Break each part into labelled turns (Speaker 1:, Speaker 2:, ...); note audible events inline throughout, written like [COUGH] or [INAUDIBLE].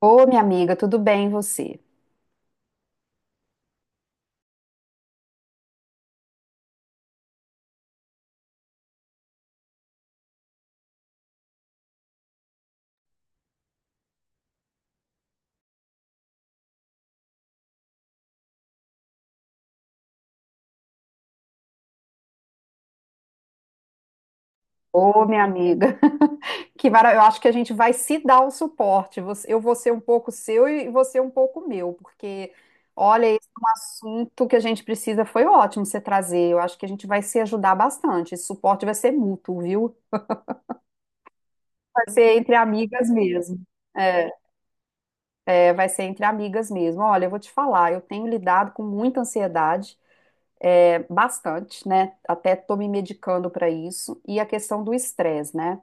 Speaker 1: Ô, minha amiga, tudo bem você? Ô, minha amiga, [LAUGHS] eu acho que a gente vai se dar o suporte. Você- Eu vou ser um pouco seu e você um pouco meu, porque olha, esse é um assunto que a gente precisa. Foi ótimo você trazer. Eu acho que a gente vai se ajudar bastante. Esse suporte vai ser mútuo, viu? Vai ser entre amigas mesmo. É, é, vai ser entre amigas mesmo. Olha, eu vou te falar, eu tenho lidado com muita ansiedade, é, bastante, né? Até tô me medicando para isso. E a questão do estresse, né?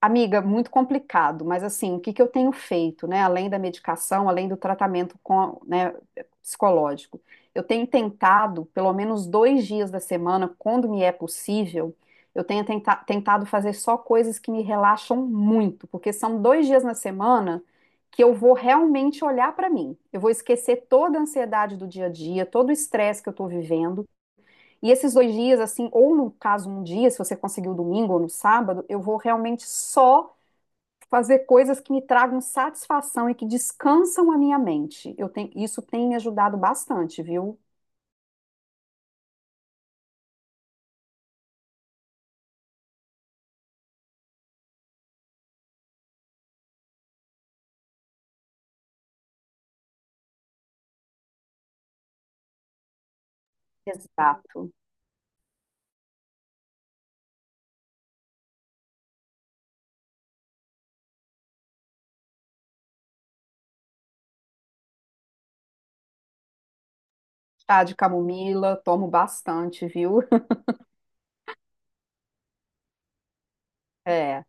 Speaker 1: Amiga, muito complicado, mas assim, o que que eu tenho feito, né? Além da medicação, além do tratamento com, né, psicológico, eu tenho tentado, pelo menos dois dias da semana, quando me é possível, eu tenho tentado fazer só coisas que me relaxam muito, porque são dois dias na semana que eu vou realmente olhar para mim. Eu vou esquecer toda a ansiedade do dia a dia, todo o estresse que eu estou vivendo. E esses dois dias, assim, ou no caso um dia, se você conseguir o domingo ou no sábado, eu vou realmente só fazer coisas que me tragam satisfação e que descansam a minha mente. Eu tenho, isso tem me ajudado bastante, viu? Exato. Chá de camomila, tomo bastante, viu? [LAUGHS] É.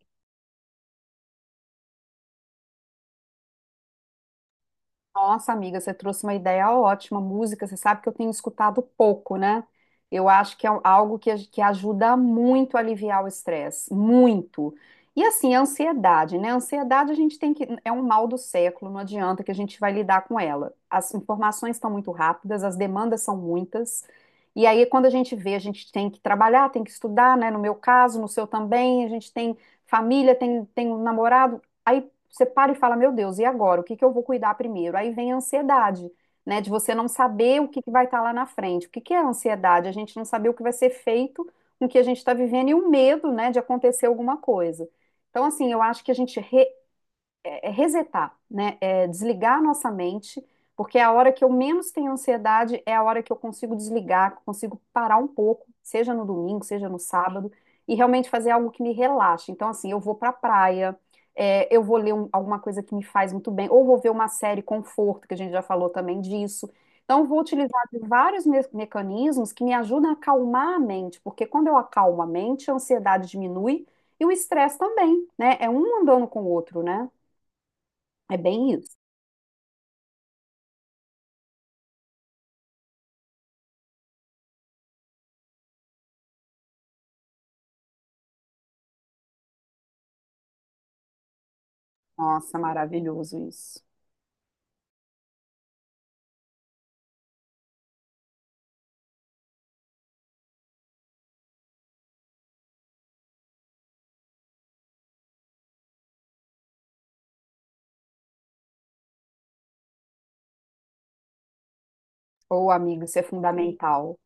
Speaker 1: Nossa, amiga, você trouxe uma ideia ótima. Música, você sabe que eu tenho escutado pouco, né? Eu acho que é um, algo que ajuda muito a aliviar o estresse, muito. E assim, a ansiedade, né? A ansiedade a gente tem que. É um mal do século, não adianta que a gente vai lidar com ela. As informações estão muito rápidas, as demandas são muitas. E aí, quando a gente vê, a gente tem que trabalhar, tem que estudar, né? No meu caso, no seu também, a gente tem família, tem, tem um namorado. Aí você para e fala, meu Deus, e agora? O que que eu vou cuidar primeiro? Aí vem a ansiedade, né? De você não saber o que que vai estar lá na frente. O que que é a ansiedade? A gente não saber o que vai ser feito com o que a gente está vivendo e o medo, né, de acontecer alguma coisa. Então, assim, eu acho que é resetar, né? É desligar a nossa mente, porque é a hora que eu menos tenho ansiedade é a hora que eu consigo desligar, que eu consigo parar um pouco, seja no domingo, seja no sábado, e realmente fazer algo que me relaxe. Então, assim, eu vou pra praia, é, eu vou ler um- alguma coisa que me faz muito bem, ou vou ver uma série conforto, que a gente já falou também disso. Então, eu vou utilizar de vários mecanismos que me ajudam a acalmar a mente, porque quando eu acalmo a mente, a ansiedade diminui e o estresse também, né? É um andando com o outro, né? É bem isso. Nossa, maravilhoso isso. Ou, amigo, isso é fundamental.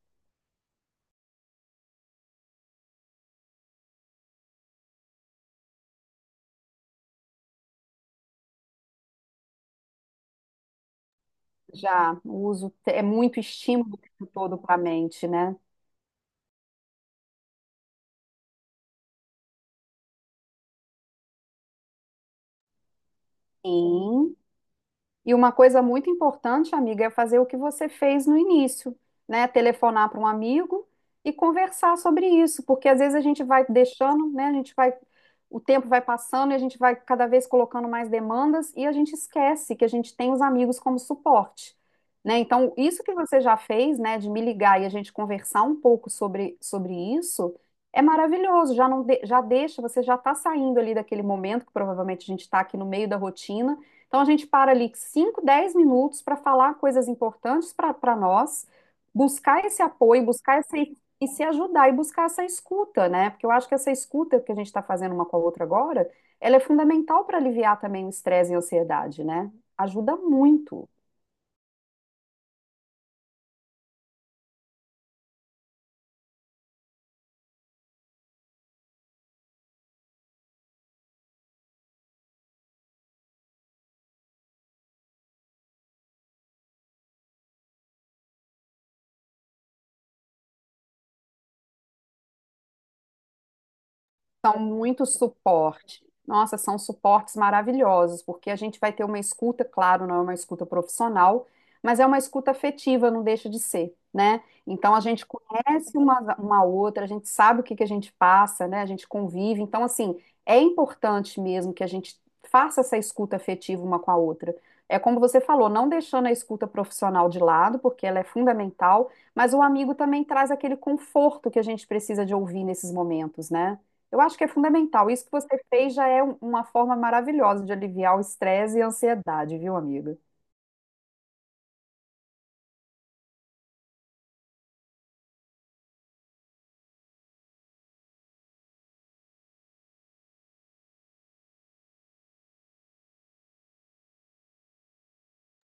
Speaker 1: Já o uso te- É muito estímulo o tempo todo para a mente, né? Sim. E uma coisa muito importante, amiga, é fazer o que você fez no início, né? Telefonar para um amigo e conversar sobre isso, porque às vezes a gente vai deixando, né? A gente vai, o tempo vai passando e a gente vai cada vez colocando mais demandas e a gente esquece que a gente tem os amigos como suporte, né? Então, isso que você já fez, né, de me ligar e a gente conversar um pouco sobre, sobre isso, é maravilhoso. Já não de- já deixa, você já está saindo ali daquele momento que provavelmente a gente está aqui no meio da rotina então a gente para ali 5, 10 minutos para falar coisas importantes para nós, buscar esse apoio, buscar essa e se ajudar e buscar essa escuta, né? Porque eu acho que essa escuta que a gente está fazendo uma com a outra agora, ela é fundamental para aliviar também o estresse e a ansiedade, né? Ajuda muito. São muito suporte. Nossa, são suportes maravilhosos, porque a gente vai ter uma escuta, claro, não é uma escuta profissional, mas é uma escuta afetiva, não deixa de ser, né? Então a gente conhece uma outra, a gente sabe o que que a gente passa, né? A gente convive. Então, assim, é importante mesmo que a gente faça essa escuta afetiva uma com a outra. É como você falou, não deixando a escuta profissional de lado, porque ela é fundamental, mas o amigo também traz aquele conforto que a gente precisa de ouvir nesses momentos, né? Eu acho que é fundamental. Isso que você fez já uma forma maravilhosa de aliviar o estresse e a ansiedade, viu, amiga?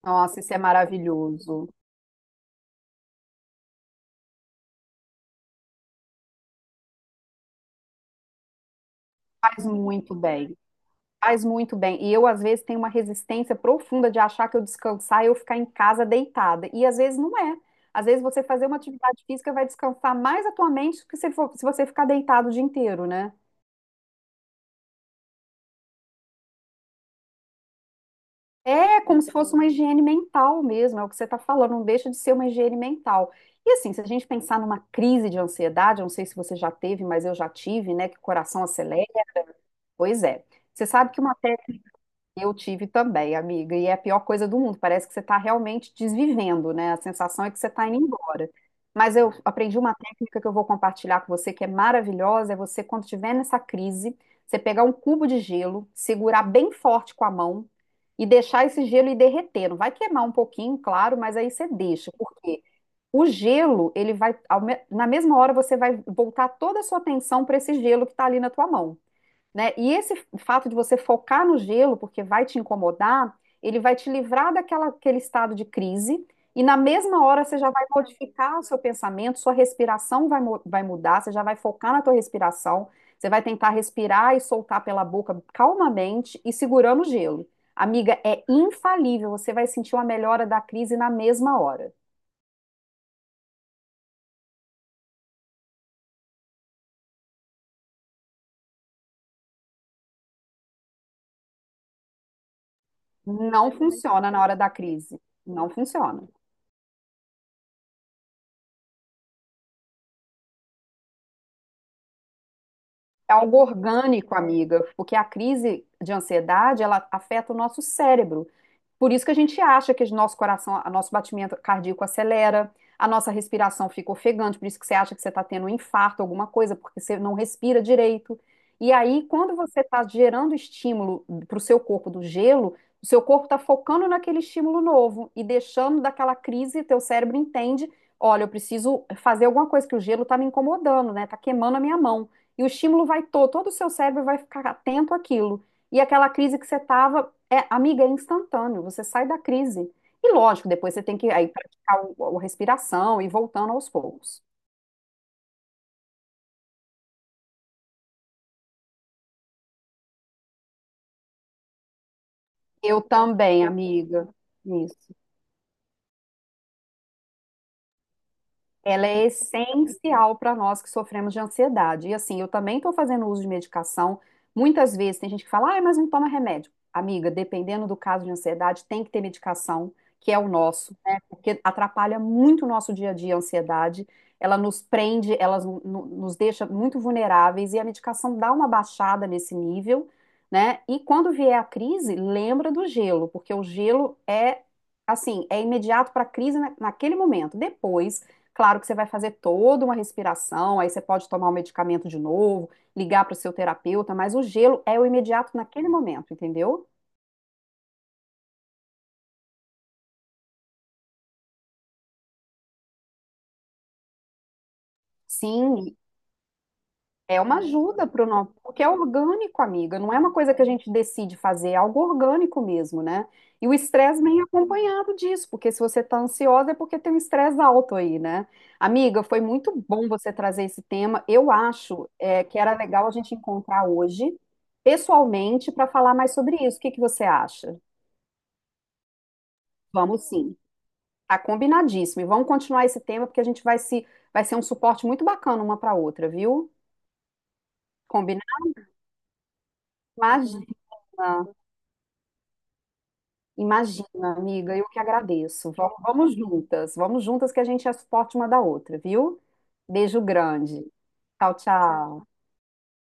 Speaker 1: Nossa, isso é maravilhoso. Faz muito bem. Faz muito bem. E eu, às vezes, tenho uma resistência profunda de achar que eu descansar e eu ficar em casa deitada. E às vezes não é. Às vezes você fazer uma atividade física vai descansar mais a tua mente do que se você ficar deitado o dia inteiro, né? É como se fosse uma higiene mental mesmo, é o que você está falando, não deixa de ser uma higiene mental. E assim, se a gente pensar numa crise de ansiedade, eu não sei se você já teve, mas eu já tive, né? Que o coração acelera. Pois é. Você sabe que uma te- eu tive também, amiga, e é a pior coisa do mundo. Parece que você está realmente desvivendo, né? A sensação é que você está indo embora. Mas eu aprendi uma técnica que eu vou compartilhar com você, que é maravilhosa, é você, quando estiver nessa crise, você pegar um cubo de gelo, segurar bem forte com a mão e deixar esse gelo ir derretendo. Vai queimar um pouquinho, claro, mas aí você deixa, porque o gelo, ele vai, na mesma hora você vai voltar toda a sua atenção para esse gelo que está ali na tua mão, né? E esse fato de você focar no gelo, porque vai te incomodar, ele vai te livrar daquela, aquele estado de crise, e na mesma hora você já vai modificar o seu pensamento, sua respiração vai, vai mudar, você já vai focar na tua respiração, você vai tentar respirar e soltar pela boca calmamente e segurando o gelo. Amiga, é infalível, você vai sentir uma melhora da crise na mesma hora. Não funciona na hora da crise. Não funciona. É algo orgânico, amiga, porque a crise de ansiedade, ela afeta o nosso cérebro. Por isso que a gente acha que o nosso coração, o nosso batimento cardíaco acelera, a nossa respiração fica ofegante, por isso que você acha que você está tendo um infarto, alguma coisa, porque você não respira direito. E aí, quando você está gerando estímulo para o seu corpo do gelo, o seu corpo está focando naquele estímulo novo e deixando daquela crise, teu cérebro entende, olha, eu preciso fazer alguma coisa, que o gelo está me incomodando, né? Está queimando a minha mão. E o estímulo vai todo o seu cérebro vai ficar atento àquilo. E aquela crise que você estava é, amiga, é instantâneo, você sai da crise. E lógico, depois você tem que aí praticar o, a respiração e ir voltando aos poucos. Eu também, amiga. Isso. Ela é essencial para nós que sofremos de ansiedade. E assim, eu também estou fazendo uso de medicação. Muitas vezes tem gente que fala, ah, mas não toma remédio. Amiga, dependendo do caso de ansiedade, tem que ter medicação, que é o nosso, né? Porque atrapalha muito o nosso dia a dia a ansiedade. Ela nos prende, ela nos deixa muito vulneráveis e a medicação dá uma baixada nesse nível, né? E quando vier a crise, lembra do gelo, porque o gelo é assim, é imediato para a crise naquele momento. Depois claro que você vai fazer toda uma respiração, aí você pode tomar o medicamento de novo, ligar para o seu terapeuta, mas o gelo é o imediato naquele momento, entendeu? Sim, é uma ajuda para o nosso, porque é orgânico, amiga, não é uma coisa que a gente decide fazer, é algo orgânico mesmo, né? E o estresse vem acompanhado disso, porque se você está ansiosa é porque tem um estresse alto aí, né? Amiga, foi muito bom você trazer esse tema. Eu acho, é, que era legal a gente encontrar hoje, pessoalmente, para falar mais sobre isso. O que que você acha? Vamos sim, tá combinadíssimo. E vamos continuar esse tema, porque a gente vai se, vai ser um suporte muito bacana uma para outra, viu? Combinado? Imagina. Imagina, amiga, eu que agradeço. Vamos, vamos juntas que a gente é suporte uma da outra, viu? Beijo grande. Tchau, tchau.